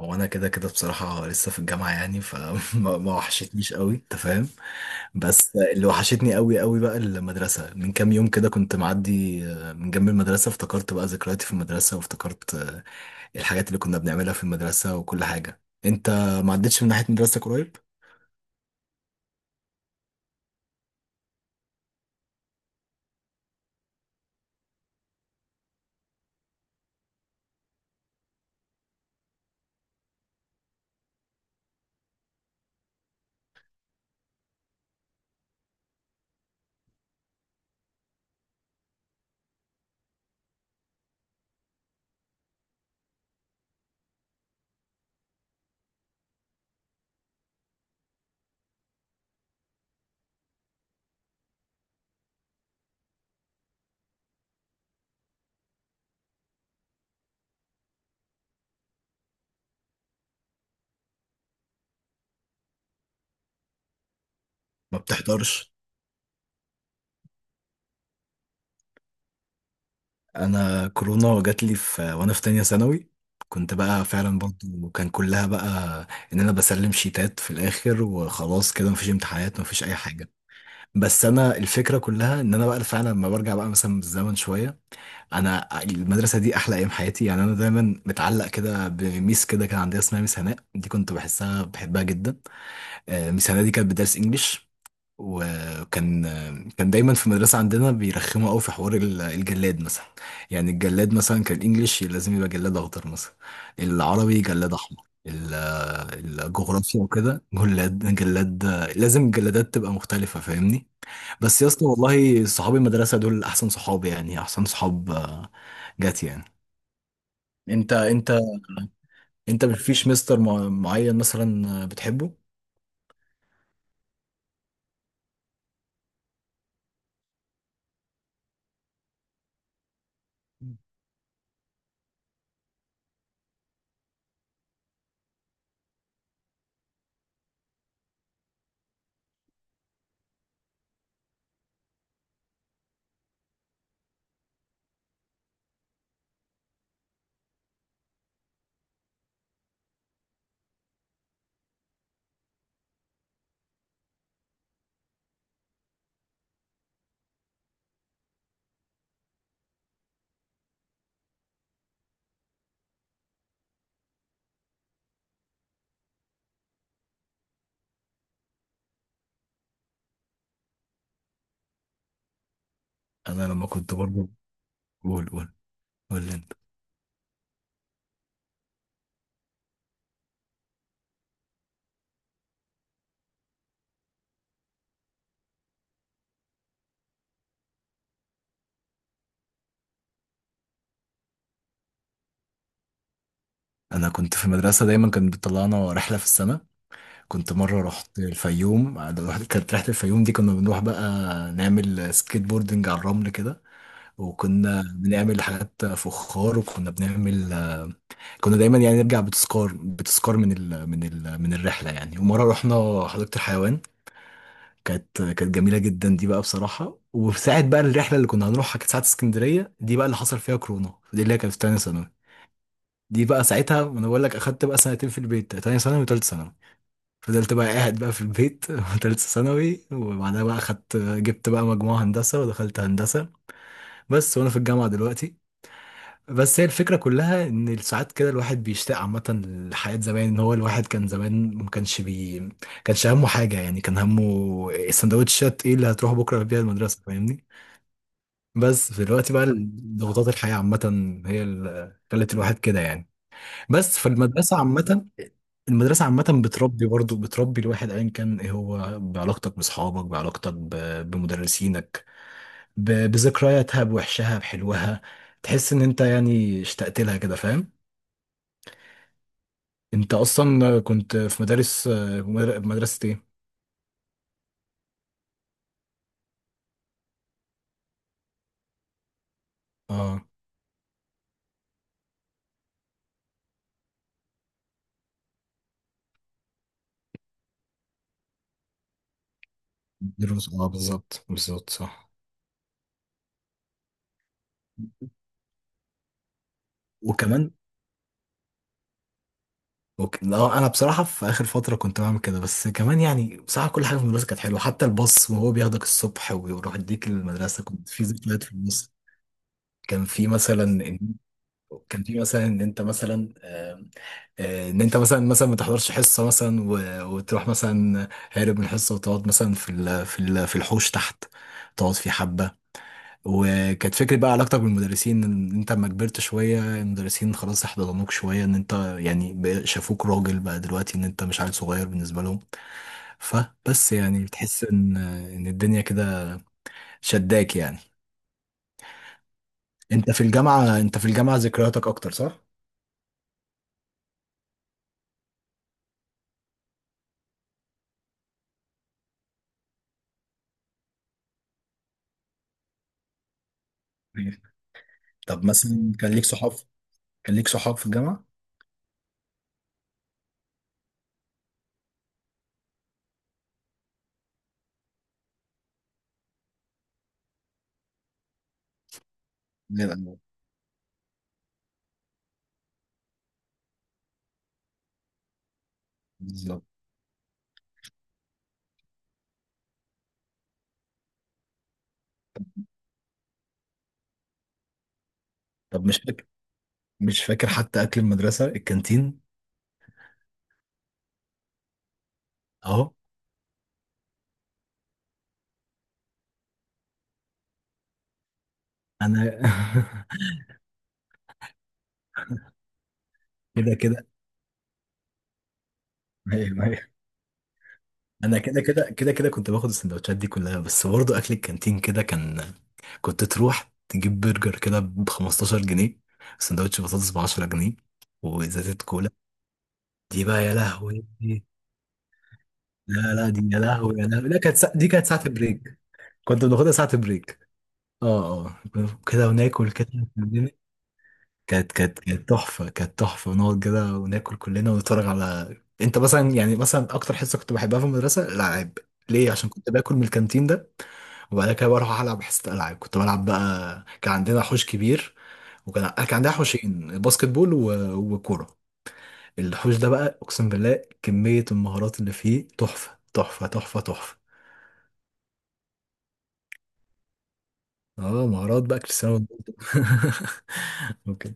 هو انا كده كده بصراحه لسه في الجامعه، يعني فما ما وحشتنيش قوي، انت فاهم. بس اللي وحشتني قوي قوي بقى المدرسه. من كام يوم كده كنت معدي من جنب المدرسه، افتكرت بقى ذكرياتي في المدرسه، وافتكرت الحاجات اللي كنا بنعملها في المدرسه وكل حاجه. انت ما عدتش من ناحيه مدرستك قريب؟ ما بتحضرش. انا كورونا جات لي في وانا في تانية ثانوي. كنت بقى فعلا برضه كان كلها بقى ان انا بسلم شيتات في الاخر وخلاص كده، مفيش امتحانات، مفيش اي حاجه. بس انا الفكره كلها ان انا بقى فعلا لما برجع بقى مثلا بالزمن شويه، انا المدرسه دي احلى ايام حياتي. يعني انا دايما متعلق كده بميس كده، كان عندها، اسمها ميس هناء، دي كنت بحسها بحبها جدا. ميس هناء دي كانت بتدرس انجليش. وكان آه، كان دايما في المدرسه عندنا بيرخموا قوي في حوار الجلاد مثلا. يعني الجلاد مثلا، كان الانجليش لازم يبقى جلاد اخضر مثلا. العربي جلاد احمر. الجغرافيا وكده جلاد لازم الجلادات تبقى مختلفه، فاهمني؟ بس يا اسطى، والله صحاب المدرسة دول احسن صحاب، يعني احسن صحاب. جات يعني. انت، انت، مفيش مستر معين مثلا بتحبه؟ انا لما كنت برضه، قول قول. قول لي انت. انا كنت في المدرسه، دايما كانت بتطلعنا رحله في السنه. كنت مره رحت الفيوم، كانت رحله الفيوم دي كنا بنروح بقى نعمل سكيت بوردنج على الرمل كده. وكنا بنعمل حاجات فخار، وكنا بنعمل... كنا دايما يعني نرجع بتذكار من الرحله يعني. ومره رحنا حديقه الحيوان، كانت جميله جدا دي بقى بصراحه. وساعه بقى الرحله اللي كنا هنروحها كانت ساعه اسكندريه، دي بقى اللي حصل فيها كورونا، دي اللي هي كانت في تانية ثانوي. دي بقى ساعتها، انا بقول لك، اخدت بقى سنتين في البيت، تانية ثانوي وتالتة ثانوي. فضلت بقى قاعد بقى في البيت تالتة ثانوي. وبعدها بقى جبت بقى مجموعة هندسة ودخلت هندسة. بس وانا في الجامعة دلوقتي. بس هي الفكرة كلها إن ساعات كده الواحد بيشتاق عامة لحياة زمان، إن هو الواحد كان زمان ما كانش كانش همه حاجة، يعني كان همه السندوتشات إيه اللي هتروح بكرة بيها المدرسة، فاهمني. بس في الوقت بقى، ضغوطات الحياة عامة، هي اللي خلت الواحد كده يعني. بس فالمدرسة عامة، المدرسة عامة بتربي برضه الواحد أيا كان إيه هو، بعلاقتك بأصحابك، بعلاقتك بمدرسينك، بذكرياتها، بوحشها، بحلوها. تحس إن أنت يعني اشتقت لها كده، فاهم. انت اصلا كنت في مدارس، مدرسة ايه؟ اه، دروس، اه بالظبط بالظبط صح. وكمان، لا، انا بصراحة في اخر فترة كنت بعمل كده. بس كمان يعني بصراحة، كل حاجة في المدرسة كانت حلوة، حتى الباص وهو بياخدك الصبح ويروح يديك المدرسة، كنت في ذكريات في الباص. كان في مثلا كان في مثلا ان انت مثلا، آم، ان انت مثلا ما تحضرش حصه مثلا، وتروح مثلا هارب من الحصه، وتقعد مثلا في الحوش تحت، تقعد في حبه. وكانت فكرة بقى علاقتك بالمدرسين، ان انت لما كبرت شوية، المدرسين خلاص احتضنوك شوية، ان انت يعني شافوك راجل بقى دلوقتي، ان انت مش عيل صغير بالنسبة لهم. فبس يعني بتحس ان الدنيا كده شداك يعني. انت في الجامعة ذكرياتك اكتر صح؟ أيوة. طب مثلا، كان ليك صحاب؟ كان ليك صحاب في الجامعة؟ زي الأول. بالظبط. طب مش فاكر حتى اكل المدرسة، الكانتين؟ اهو. انا كده كده. ايوه، أيوه. انا كده كده كده كده كنت باخد السندوتشات دي كلها. بس برضه اكل الكانتين كده كان، كنت تروح تجيب برجر كده ب 15 جنيه، سندوتش بطاطس ب 10 جنيه، وازازه كولا. دي بقى يا لهوي. لا لا، دي يا لهوي يا لهوي، لا كانت دي كانت ساعه بريك. كنت بناخدها ساعه بريك. اه اه، كده وناكل كده. كانت تحفة، نقعد كده وناكل كلنا ونتفرج. على انت مثلا، يعني مثلا اكتر حصة كنت بحبها في المدرسة، الالعاب. ليه؟ عشان كنت باكل من الكانتين ده، وبعد كده بروح العب حصة العاب. كنت بلعب بقى، كان عندنا حوش كبير. وكان عندنا حوشين باسكت بول و... وكورة. الحوش ده بقى، اقسم بالله كمية المهارات اللي فيه تحفة تحفة تحفة تحفة. اه، مهارات بقى كريستيانو رونالدو. اوكي.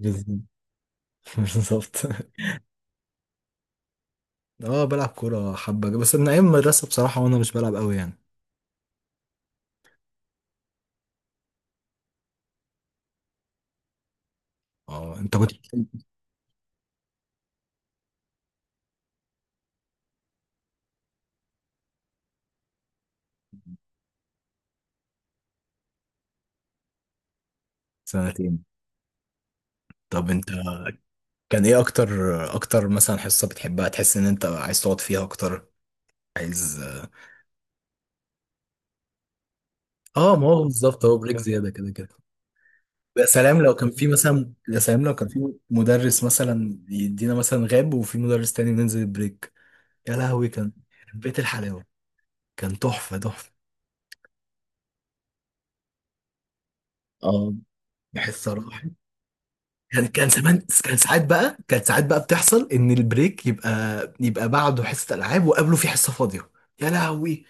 بالظبط. بالظبط. اه، بلعب كورة حبة بس من أيام المدرسة، بصراحة وأنا مش بلعب قوي يعني. اه، أنت كنت... سنتين. طب أنت، كان إيه أكتر، أكتر مثلا حصة بتحبها، تحس إن أنت عايز تقعد فيها أكتر؟ عايز... اه، ما هو بالظبط، هو بريك زيادة كده كده. يا سلام لو كان في مدرس مثلا، يدينا مثلا غاب، وفي مدرس تاني ننزل البريك. يا لهوي، كان بيت الحلاوة. كان تحفة تحفة. اه حصة راحت. كان زمان، كان ساعات بقى بتحصل ان البريك يبقى بعده حصه العاب وقبله في حصه فاضيه. يا لهوي.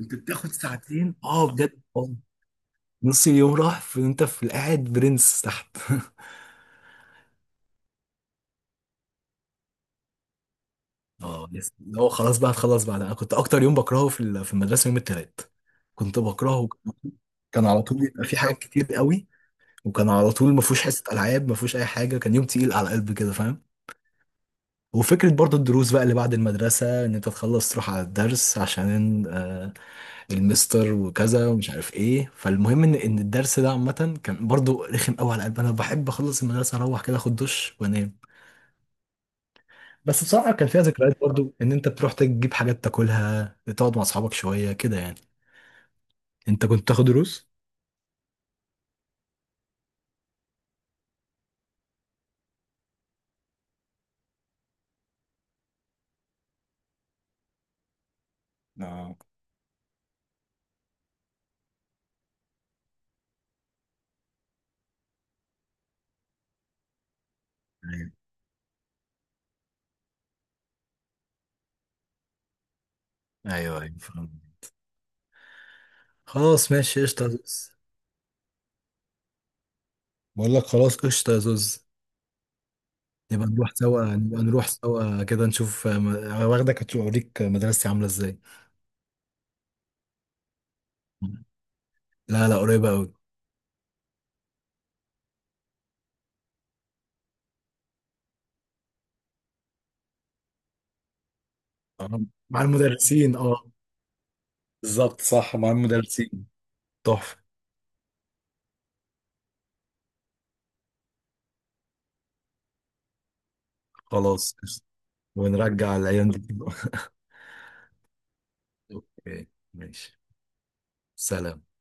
انت بتاخد ساعتين، اه بجد. نص اليوم راح، في انت في قاعد برنس تحت. اه يس، اللي هو خلاص بقى هتخلص بعد. انا كنت اكتر يوم بكرهه في المدرسه يوم التلات. كنت بكرهه. كان على طول يبقى في حاجات كتير قوي. وكان على طول ما فيهوش حصه العاب، ما فيهوش اي حاجه. كان يوم تقيل على قلبي كده، فاهم. وفكرة برضو الدروس بقى اللي بعد المدرسة، إن أنت تخلص تروح على الدرس عشان المستر وكذا ومش عارف إيه. فالمهم إن الدرس ده عامة كان برضو رخم أوي على قلبي. أنا بحب أخلص المدرسة، أروح كده أخد دش وأنام. بس بصراحة كان فيها ذكريات برضو، إن أنت بتروح تجيب حاجات تاكلها، تقعد مع أصحابك شوية كده يعني. أنت كنت تاخد دروس؟ اه، ايوه ايوه أيوة، فاهم. خلاص ماشي، قشطة يا زوز. بقول لك خلاص، قشطة يا زوز. نبقى نروح سوا كده نشوف، واخدك هتشوف، اوريك مدرستي عامله ازاي. لا لا، قريبه قوي. مع المدرسين، اه. بالظبط صح، مع المدرسين. تحفه. خلاص. ونرجع الايام دي. اوكي. ماشي. سلام.